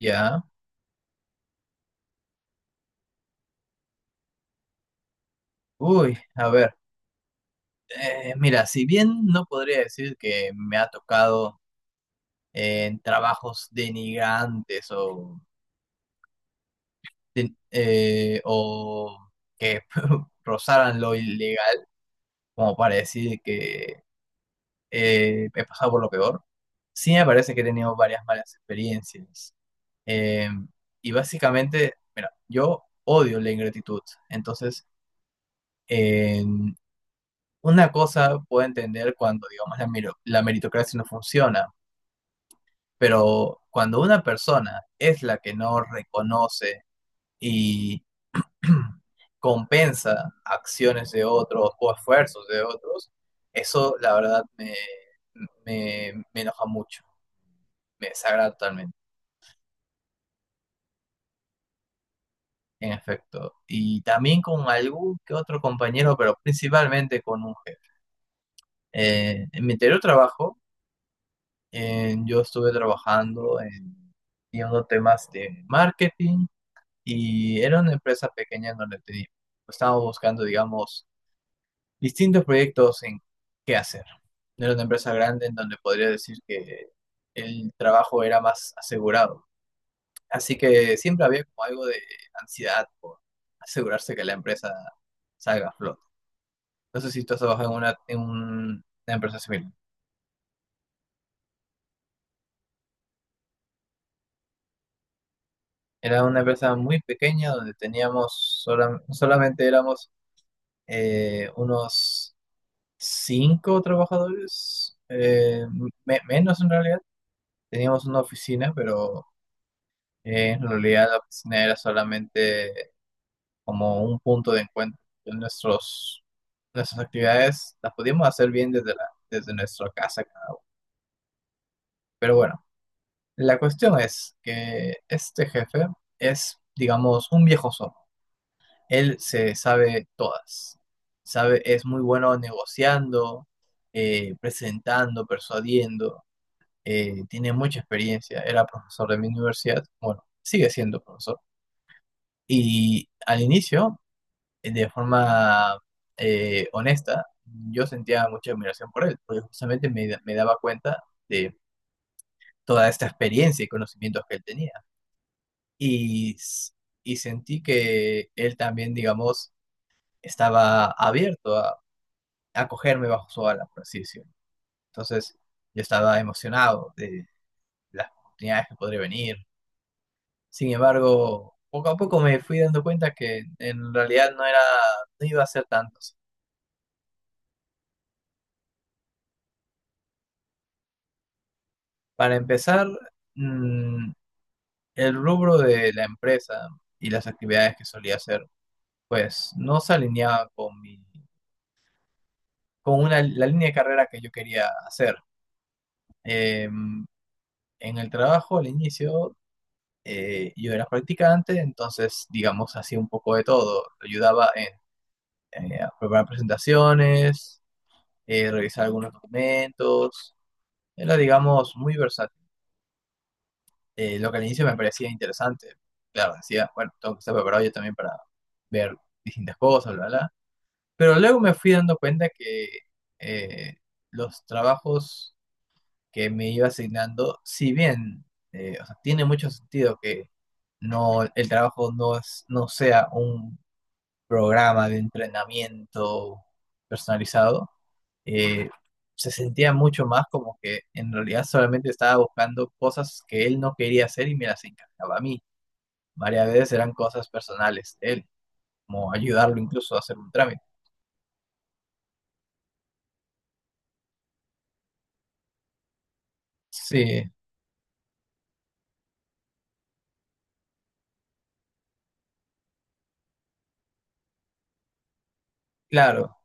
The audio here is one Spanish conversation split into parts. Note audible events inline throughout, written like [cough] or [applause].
Ya, uy, a ver, mira, si bien no podría decir que me ha tocado en trabajos denigrantes o, o que [laughs] rozaran lo ilegal, como para decir que he pasado por lo peor, sí me parece que he tenido varias malas experiencias. Eh, y básicamente, mira, yo odio la ingratitud, entonces una cosa puedo entender cuando, digamos, la meritocracia no funciona, pero cuando una persona es la que no reconoce y [clears throat] compensa acciones de otros o esfuerzos de otros, eso la verdad me enoja mucho, me desagrada totalmente, en efecto. Y también con algún que otro compañero, pero principalmente con un jefe. En mi anterior trabajo, yo estuve trabajando en unos temas de marketing y era una empresa pequeña en donde teníamos, estábamos buscando, digamos, distintos proyectos en qué hacer. No era una empresa grande en donde podría decir que el trabajo era más asegurado. Así que siempre había como algo de ansiedad por asegurarse que la empresa salga a flote. No sé si tú has trabajado en una empresa similar. Era una empresa muy pequeña donde teníamos, solamente éramos unos cinco trabajadores, menos en realidad. Teníamos una oficina, pero en realidad la oficina era solamente como un punto de encuentro. Nuestros, nuestras actividades las podíamos hacer bien desde nuestra casa cada uno. Pero bueno, la cuestión es que este jefe es, digamos, un viejo zorro. Él se sabe todas. Sabe, es muy bueno negociando, presentando, persuadiendo. Tiene mucha experiencia. Era profesor de mi universidad. Bueno, sigue siendo profesor. Y al inicio, de forma honesta, yo sentía mucha admiración por él, porque justamente me daba cuenta de toda esta experiencia y conocimientos que él tenía. Y, s- y sentí que él también, digamos, estaba abierto a acogerme bajo su ala, por así decirlo. Entonces yo estaba emocionado de las oportunidades que podría venir. Sin embargo, poco a poco me fui dando cuenta que en realidad no era, no iba a ser tantos. Para empezar, mm, el rubro de la empresa y las actividades que solía hacer, pues no se alineaba con la línea de carrera que yo quería hacer. Eh, en el trabajo al inicio yo era practicante, entonces, digamos, hacía un poco de todo. Ayudaba en a preparar presentaciones, revisar algunos documentos. Era, digamos, muy versátil. Lo que al inicio me parecía interesante. Claro, decía, bueno, tengo que estar preparado yo también para ver distintas cosas, bla, bla. Pero luego me fui dando cuenta que eh, los trabajos que me iba asignando, si bien o sea, tiene mucho sentido que no, el trabajo no, es, no sea un programa de entrenamiento personalizado, eh, se sentía mucho más como que en realidad solamente estaba buscando cosas que él no quería hacer y me las encargaba a mí. Varias veces eran cosas personales de él, como ayudarlo incluso a hacer un trámite. Sí, claro.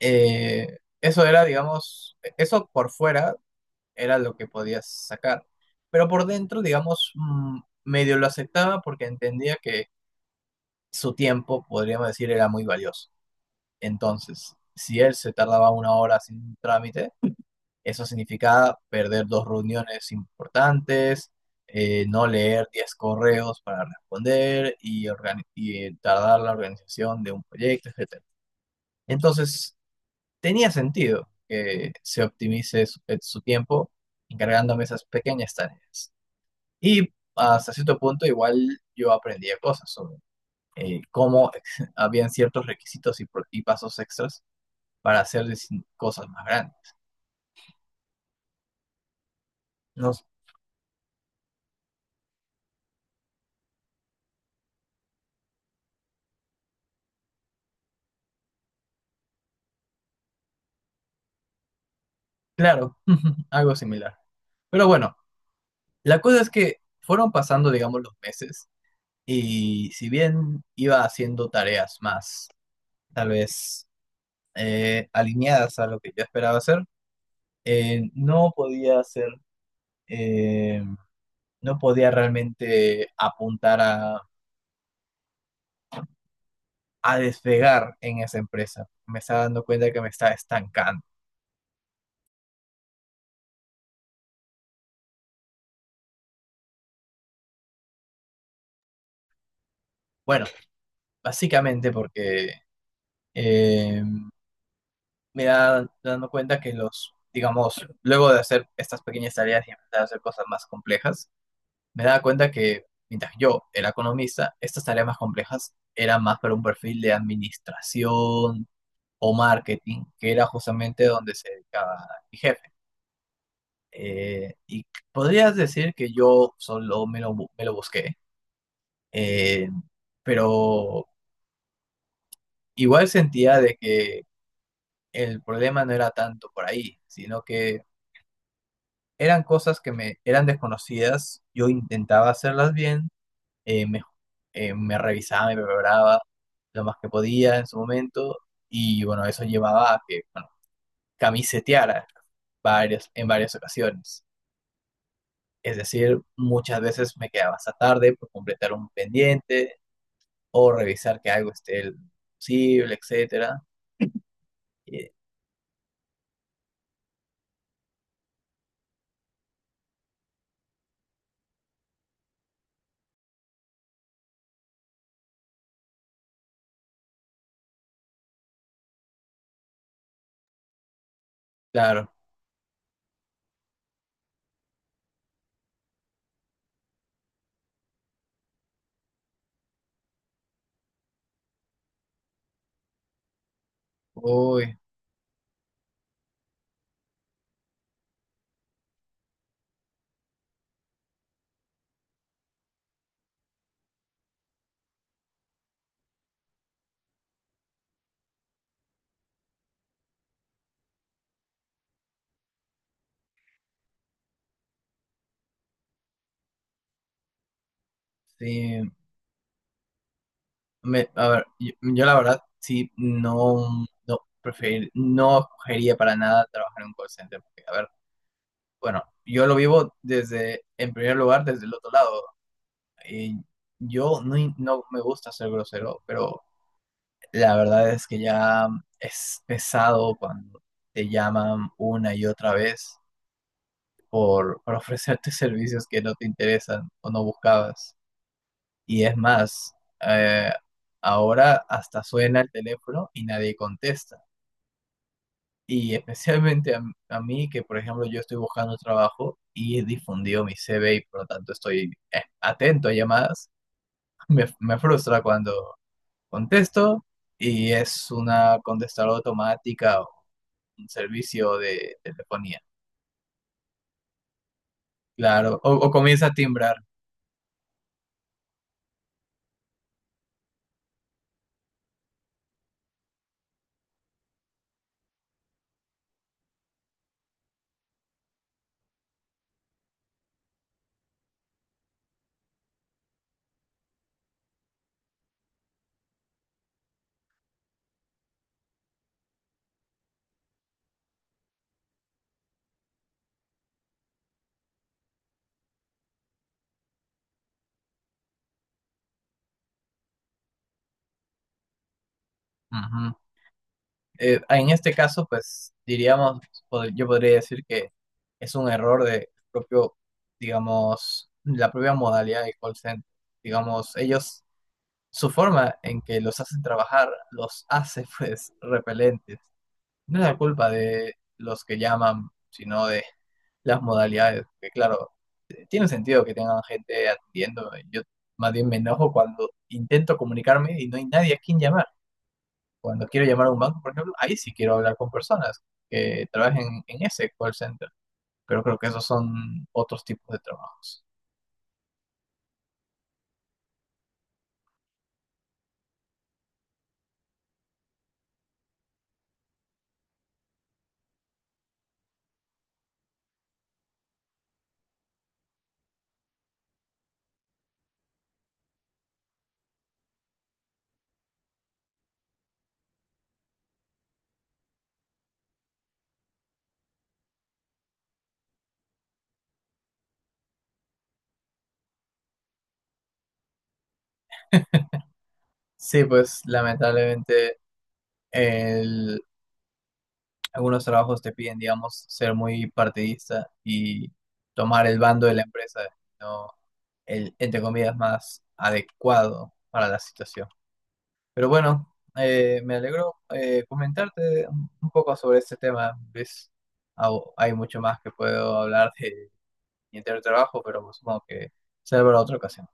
Eso era, digamos, eso por fuera era lo que podías sacar, pero por dentro, digamos, medio lo aceptaba porque entendía que su tiempo, podríamos decir, era muy valioso. Entonces, si él se tardaba una hora sin trámite, eso significaba perder dos reuniones importantes, no leer 10 correos para responder y tardar la organización de un proyecto, etcétera. Entonces, tenía sentido que se optimice su tiempo encargándome esas pequeñas tareas. Y hasta cierto punto igual yo aprendía cosas sobre cómo [laughs] habían ciertos requisitos y pasos extras para hacer cosas más grandes. No, claro, [laughs] algo similar. Pero bueno, la cosa es que fueron pasando, digamos, los meses y si bien iba haciendo tareas más, tal vez alineadas a lo que yo esperaba hacer, eh, no podía hacer, eh, no podía realmente apuntar a despegar en esa empresa. Me estaba dando cuenta que me estaba estancando. Bueno, básicamente porque eh, me da dando cuenta que los, digamos, luego de hacer estas pequeñas tareas y empezar a hacer cosas más complejas, me daba cuenta que mientras yo era economista, estas tareas más complejas eran más para un perfil de administración o marketing, que era justamente donde se dedicaba mi jefe. Y podrías decir que yo solo me lo busqué, eh, pero igual sentía de que el problema no era tanto por ahí, sino que eran cosas que me eran desconocidas, yo intentaba hacerlas bien, eh, me, me revisaba, me preparaba lo más que podía en su momento y bueno, eso llevaba a que, bueno, camiseteara en varias ocasiones. Es decir, muchas veces me quedaba hasta tarde por completar un pendiente o revisar que algo esté posible, etcétera. Y, claro, uy, sí, a ver, yo la verdad no escogería para nada trabajar en un call center. Porque, a ver, bueno, yo lo vivo desde, en primer lugar, desde el otro lado. Y yo no, in- no me gusta ser grosero, pero la verdad es que ya es pesado cuando te llaman una y otra vez por ofrecerte [laughs] servicios que no te interesan o no buscabas. Y es más, eh, ahora hasta suena el teléfono y nadie contesta. Y especialmente a mí, que por ejemplo yo estoy buscando trabajo y he difundido mi CV y por lo tanto estoy atento a llamadas, [laughs] me frustra cuando contesto y es una contestadora automática o un servicio de telefonía. Claro, o comienza a timbrar. En este caso, pues diríamos, yo podría decir que es un error de propio, digamos, la propia modalidad de call center. Digamos, ellos, su forma en que los hacen trabajar, los hace [laughs] pues repelentes. No es la culpa de los que llaman, sino de las modalidades, que claro, tiene sentido que tengan gente atendiendo. Yo más bien me enojo cuando intento comunicarme y no hay nadie a quien llamar. Cuando quiero llamar a un banco, por ejemplo, ahí sí quiero hablar con personas que trabajen en ese call center, pero creo que esos son otros tipos de trabajos. Sí, pues lamentablemente el- algunos trabajos te piden, digamos, ser muy partidista y tomar el bando de la empresa, no el, entre comillas, más adecuado para la situación. Pero bueno, me alegro comentarte un poco sobre este tema, Luis. Hay mucho más que puedo hablar de mi anterior trabajo, pero pues supongo que será para otra ocasión.